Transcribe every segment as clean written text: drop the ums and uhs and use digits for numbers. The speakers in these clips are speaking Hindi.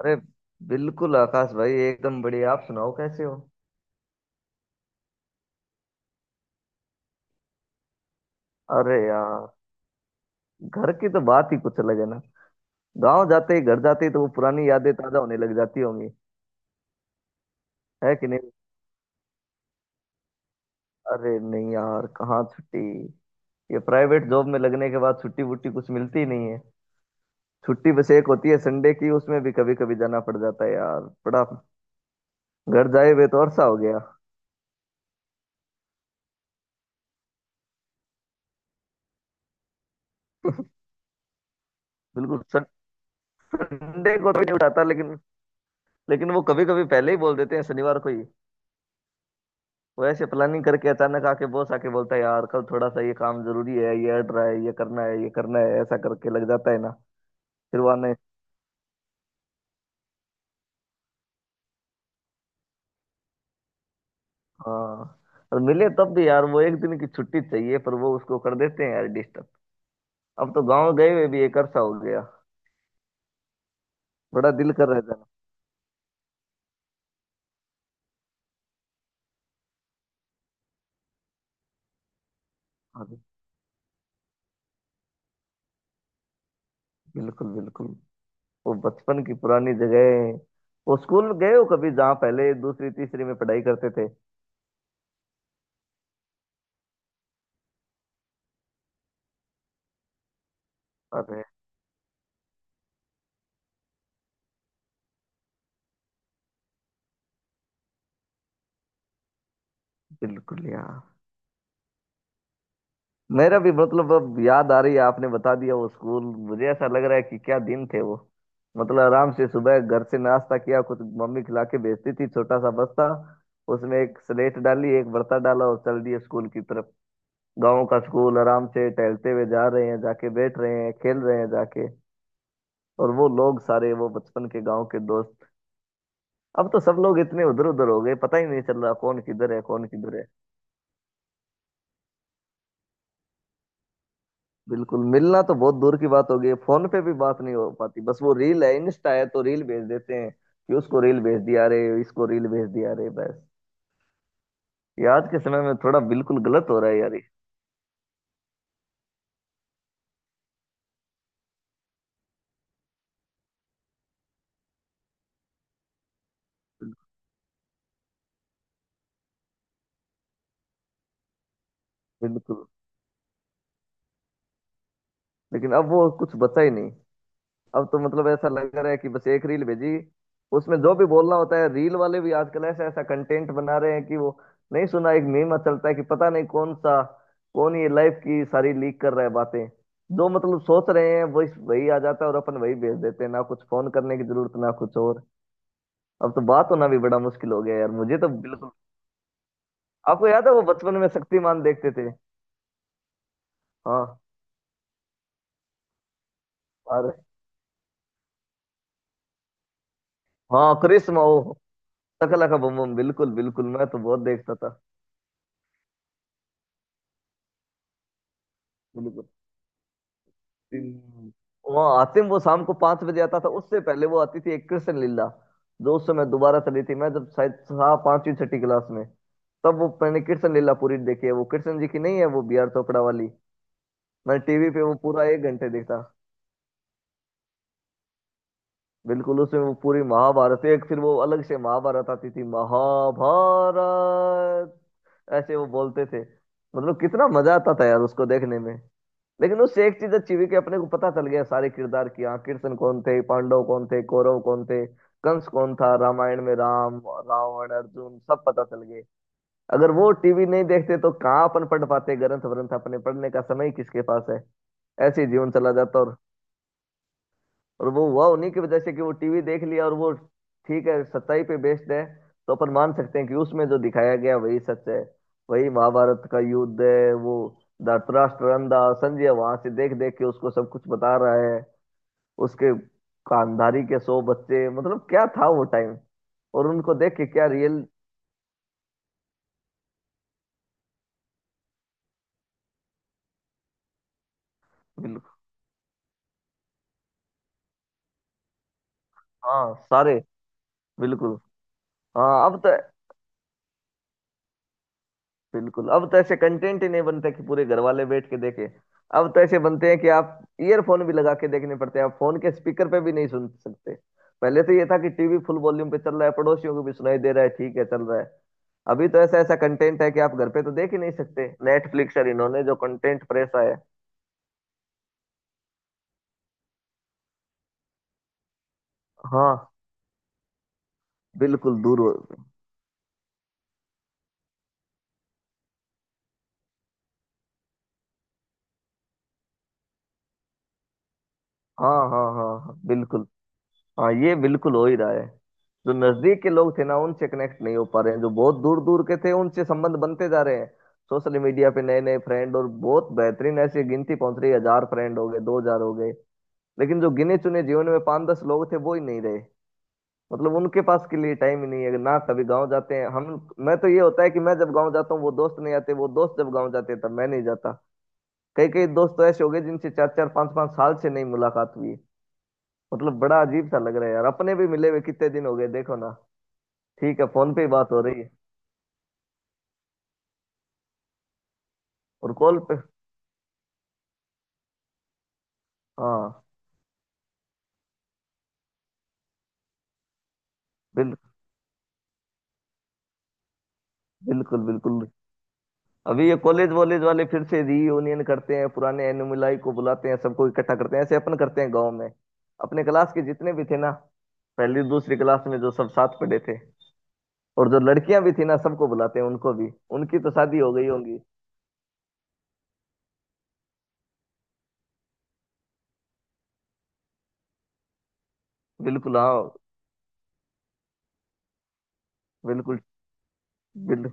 अरे बिल्कुल आकाश भाई, एकदम बढ़िया। आप सुनाओ कैसे हो। अरे यार, घर की तो बात ही कुछ अलग है ना। गांव जाते ही, घर जाते ही तो वो पुरानी यादें ताजा होने लग जाती होंगी, है कि नहीं। अरे नहीं यार, कहाँ छुट्टी। ये प्राइवेट जॉब में लगने के बाद छुट्टी वुट्टी कुछ मिलती ही नहीं है। छुट्टी बस एक होती है संडे की, उसमें भी कभी कभी जाना पड़ जाता है यार। बड़ा घर जाए हुए तो अरसा हो गया। बिल्कुल। संडे को तो नहीं उठाता, लेकिन लेकिन वो कभी कभी पहले ही बोल देते हैं शनिवार को ही। वो ऐसे प्लानिंग करके अचानक आके, बॉस आके बोलता है यार कल थोड़ा सा ये काम जरूरी है, ये अड़ रहा है, ये करना है, ये करना है, ऐसा करके लग जाता है ना। फिर वो आने हाँ। और मिले तब भी यार, वो एक दिन की छुट्टी चाहिए, पर वो उसको कर देते हैं यार डिस्टर्ब। अब तो गांव गए हुए भी एक अरसा हो गया। बड़ा दिल कर रहा है जाना। अरे बिल्कुल, बिल्कुल। वो बचपन की पुरानी जगह है। वो स्कूल गए हो कभी जहाँ पहले, दूसरी, तीसरी में पढ़ाई करते थे। अरे बिल्कुल यार। मेरा भी, मतलब अब याद आ रही है, आपने बता दिया वो स्कूल। मुझे ऐसा लग रहा है कि क्या दिन थे वो। मतलब आराम से सुबह घर से नाश्ता किया कुछ, मम्मी खिला के भेजती थी, छोटा सा बस्ता। उसमें एक स्लेट डाली, एक बर्ता डाला और चल दिए स्कूल की तरफ। गांव का स्कूल, आराम से टहलते हुए जा रहे हैं, जाके बैठ रहे हैं, खेल रहे हैं जाके। और वो लोग सारे, वो बचपन के गांव के दोस्त, अब तो सब लोग इतने उधर उधर हो गए, पता ही नहीं चल रहा कौन किधर है, कौन किधर है। बिल्कुल, मिलना तो बहुत दूर की बात हो गई है। फोन पे भी बात नहीं हो पाती, बस वो रील है, इंस्टा है, तो रील भेज देते हैं कि उसको रील भेज दिया रे, इसको रील भेज दिया रे, बस। ये आज के समय में थोड़ा बिल्कुल गलत हो रहा है यार ये। बिल्कुल। लेकिन अब वो कुछ बचा ही नहीं। अब तो मतलब ऐसा लग रहा है कि बस एक रील भेजी, उसमें जो भी बोलना होता है। रील वाले भी आजकल ऐसा ऐसा कंटेंट बना रहे हैं कि वो नहीं सुना एक मीम चलता है कि पता नहीं कौन सा, कौन ये लाइफ की सारी लीक कर रहा है बातें। जो मतलब सोच रहे हैं वही वही आ जाता है, और अपन वही भेज देते हैं ना, कुछ फोन करने की जरूरत ना, कुछ और। अब तो बात होना भी बड़ा मुश्किल हो गया यार, मुझे तो बिल्कुल। आपको याद है वो बचपन में शक्तिमान देखते थे। हाँ। अरे हाँ, कृष्ण ओ। शकला का बम बम, बिल्कुल बिल्कुल, मैं तो बहुत देखता था। बिल्कुल। हम्म। वहाँ आतिम वो शाम को 5 बजे आता था, उससे पहले वो आती थी एक कृष्ण लीला। जो उस समय दोबारा चली थी, मैं जब शायद था पांचवी छठी क्लास में, तब वो मैंने कृष्ण लीला पूरी देखी है। वो कृष्ण जी की नहीं है, वो बी आर चोपड़ा वाली। मैंने टीवी पे वो पूरा 1 घंटे देखा। बिल्कुल, उसमें वो पूरी महाभारत, एक फिर वो अलग से महाभारत आती थी, महाभारत ऐसे वो बोलते थे। मतलब कितना मजा आता था यार उसको देखने में। लेकिन उससे एक चीज अच्छी हुई कि अपने को पता चल गया सारे किरदार की, हाँ, कृष्ण कौन थे, पांडव कौन थे, कौरव कौन थे, कंस कौन था, रामायण में राम, रावण, अर्जुन सब पता चल गए। अगर वो टीवी नहीं देखते तो कहाँ अपन पढ़ पाते ग्रंथ व्रंथ, अपने पढ़ने का समय ही किसके पास है। ऐसे ही जीवन चला जाता। और वो हुआ उन्हीं की वजह से कि वो टीवी देख लिया, और वो ठीक है, सच्चाई पे बेस्ड है। तो अपन मान सकते हैं कि उसमें जो दिखाया गया वही सच है। वही महाभारत का युद्ध है वो। धृतराष्ट्र अंधा, संजय वहां से देख देख के उसको सब कुछ बता रहा है। उसके खानदारी के 100 बच्चे, मतलब क्या था वो टाइम। और उनको देख के क्या रियल। बिल्कुल। हाँ सारे। बिल्कुल। हाँ अब तो बिल्कुल। अब तो ऐसे कंटेंट ही नहीं बनते कि पूरे घर वाले बैठ के देखें। अब तो ऐसे बनते हैं कि आप ईयरफोन भी लगा के देखने पड़ते हैं, आप फोन के स्पीकर पे भी नहीं सुन सकते। पहले तो ये था कि टीवी फुल वॉल्यूम पे चल रहा है, पड़ोसियों को भी सुनाई दे रहा है, ठीक है चल रहा है। अभी तो ऐसा ऐसा कंटेंट है कि आप घर पे तो देख ही नहीं सकते, नेटफ्लिक्स और इन्होंने जो कंटेंट प्रेस है। हाँ। बिल्कुल दूर हो। हाँ, हाँ, हाँ, हाँ, बिल्कुल। हाँ ये बिल्कुल हो ही रहा है। जो नजदीक के लोग थे ना, उनसे कनेक्ट नहीं हो पा रहे हैं, जो बहुत दूर दूर के थे उनसे संबंध बनते जा रहे हैं। सोशल मीडिया पे नए नए फ्रेंड, और बहुत बेहतरीन ऐसी गिनती पहुंच रही है, 1,000 फ्रेंड हो गए, 2,000 हो गए। लेकिन जो गिने चुने जीवन में पांच दस लोग थे, वो ही नहीं रहे। मतलब उनके पास के लिए टाइम ही नहीं है ना। कभी गाँव जाते हैं हम, मैं तो ये होता है कि मैं जब गाँव जाता हूँ वो दोस्त नहीं आते, वो दोस्त जब गाँव जाते हैं तब मैं नहीं जाता। कई कई दोस्त तो ऐसे हो गए जिनसे चार चार पांच पांच साल से नहीं मुलाकात हुई। मतलब बड़ा अजीब सा लग रहा है यार, अपने भी मिले हुए कितने दिन हो गए देखो ना। ठीक है, फोन पे ही बात हो रही है। और कॉल पे, हाँ। बिल, बिल्कुल बिल्कुल। अभी ये कॉलेज वॉलेज वाले फिर से रीयूनियन करते हैं, पुराने एनुमिलाई को बुलाते हैं, सबको इकट्ठा करते हैं, ऐसे अपन करते हैं गांव में। अपने क्लास के जितने भी थे ना, पहली दूसरी क्लास में जो सब साथ पढ़े थे, और जो लड़कियां भी थी ना, सबको बुलाते हैं उनको भी। उनकी तो शादी हो गई होंगी। बिल्कुल, हाँ बिल्कुल बिल्कुल,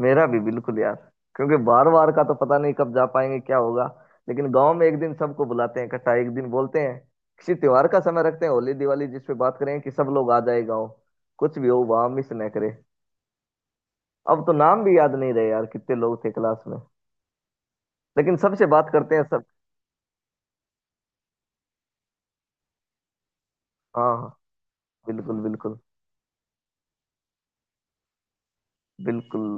मेरा भी बिल्कुल यार। क्योंकि बार बार का तो पता नहीं कब जा पाएंगे क्या होगा। लेकिन गांव में एक दिन सबको बुलाते हैं इकट्ठा, एक दिन बोलते हैं, किसी त्योहार का समय रखते हैं, होली दिवाली जिस पे बात करें कि सब लोग आ जाए गाँव, कुछ भी हो वहां मिस न करे। अब तो नाम भी याद नहीं रहे यार कितने लोग थे क्लास में। लेकिन सबसे बात करते हैं सब। हाँ हाँ। बिल्कुल बिल्कुल बिल्कुल।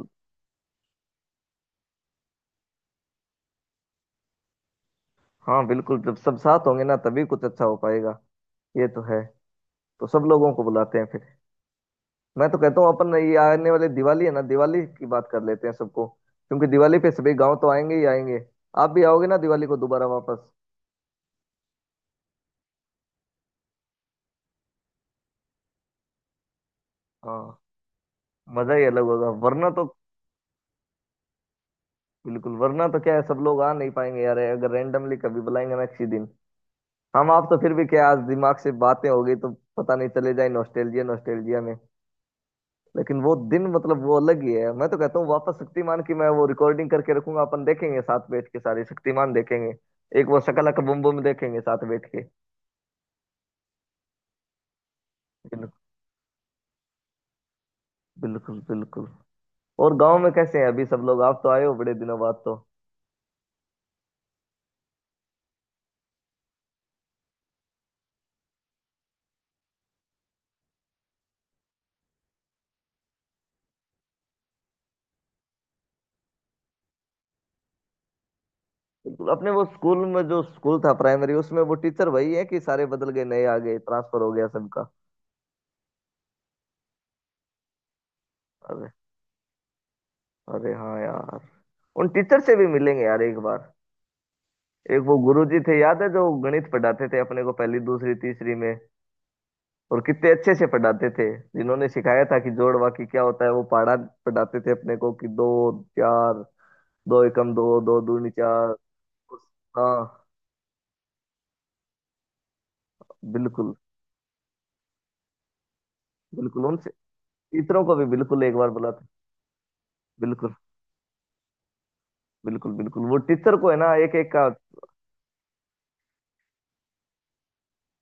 हाँ बिल्कुल, जब सब साथ होंगे ना तभी कुछ अच्छा हो पाएगा। ये तो है। तो सब लोगों को बुलाते हैं फिर। मैं तो कहता हूँ अपन ये आने वाले दिवाली है ना, दिवाली की बात कर लेते हैं सबको, क्योंकि दिवाली पे सभी गांव तो आएंगे ही आएंगे। आप भी आओगे ना दिवाली को दोबारा वापस। हाँ, मजा ही अलग होगा वरना तो। बिल्कुल, वरना तो क्या है, सब लोग आ नहीं पाएंगे यार, अगर रैंडमली कभी बुलाएंगे ना किसी दिन। हम आप तो फिर भी क्या, आज दिमाग से बातें हो गई तो पता नहीं चले जाए नॉस्टैल्जिया, नॉस्टैल्जिया में। लेकिन वो दिन मतलब वो अलग ही है। मैं तो कहता हूँ वापस शक्तिमान की, मैं वो रिकॉर्डिंग करके रखूंगा, अपन देखेंगे साथ बैठ के सारे शक्तिमान देखेंगे। एक वो शकला का बुम बुम देखेंगे साथ बैठ के। बिल्कुल बिल्कुल। और गांव में कैसे हैं अभी सब लोग, आप तो आए हो बड़े दिनों बाद तो। बिल्कुल, अपने वो स्कूल में जो स्कूल था प्राइमरी, उसमें वो टीचर वही है कि सारे बदल गए, नए आ गए, ट्रांसफर हो गया सबका। अरे, अरे हाँ यार, उन टीचर से भी मिलेंगे यार एक बार। एक वो गुरुजी थे याद है जो गणित पढ़ाते थे अपने को पहली, दूसरी, तीसरी में, और कितने अच्छे से पढ़ाते थे। जिन्होंने सिखाया था कि जोड़ बाकी क्या होता है, वो पढ़ाते थे अपने को कि दो चार, दो एकम दो, दो दूनी चार। हाँ बिल्कुल। बिल्कुल उन टीचरों को भी बिल्कुल एक बार बुलाते। बिल्कुल बिल्कुल। बिल्कुल वो टीचर को है ना, एक एक का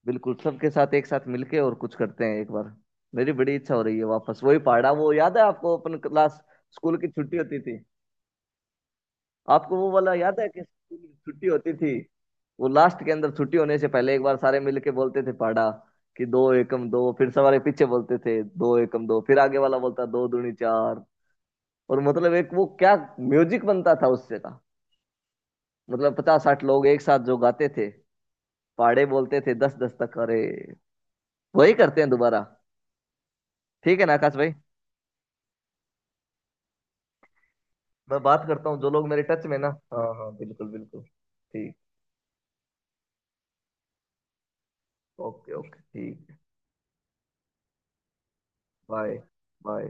बिल्कुल, सबके साथ एक साथ मिलके और कुछ करते हैं एक बार। मेरी बड़ी इच्छा हो रही है वापस वही पहाड़ा, वो याद है आपको अपन क्लास, स्कूल की छुट्टी होती थी। आपको वो वाला याद है कि स्कूल की छुट्टी होती थी। वो लास्ट के अंदर छुट्टी होने से पहले एक बार सारे मिलके बोलते थे पहाड़ा, कि दो एकम दो, फिर सवारे पीछे बोलते थे दो एकम दो, फिर आगे वाला बोलता दो दूनी चार। और मतलब एक वो क्या म्यूजिक बनता था उससे का। मतलब 50-60 लोग एक साथ जो गाते थे, पाड़े बोलते थे, दस दस्तक, अरे वही करते हैं दोबारा। ठीक है ना आकाश भाई। मैं बात करता हूँ जो लोग मेरे टच में ना। हाँ हाँ बिल्कुल बिल्कुल, ठीक। ओके ओके ठीक। बाय। बाय।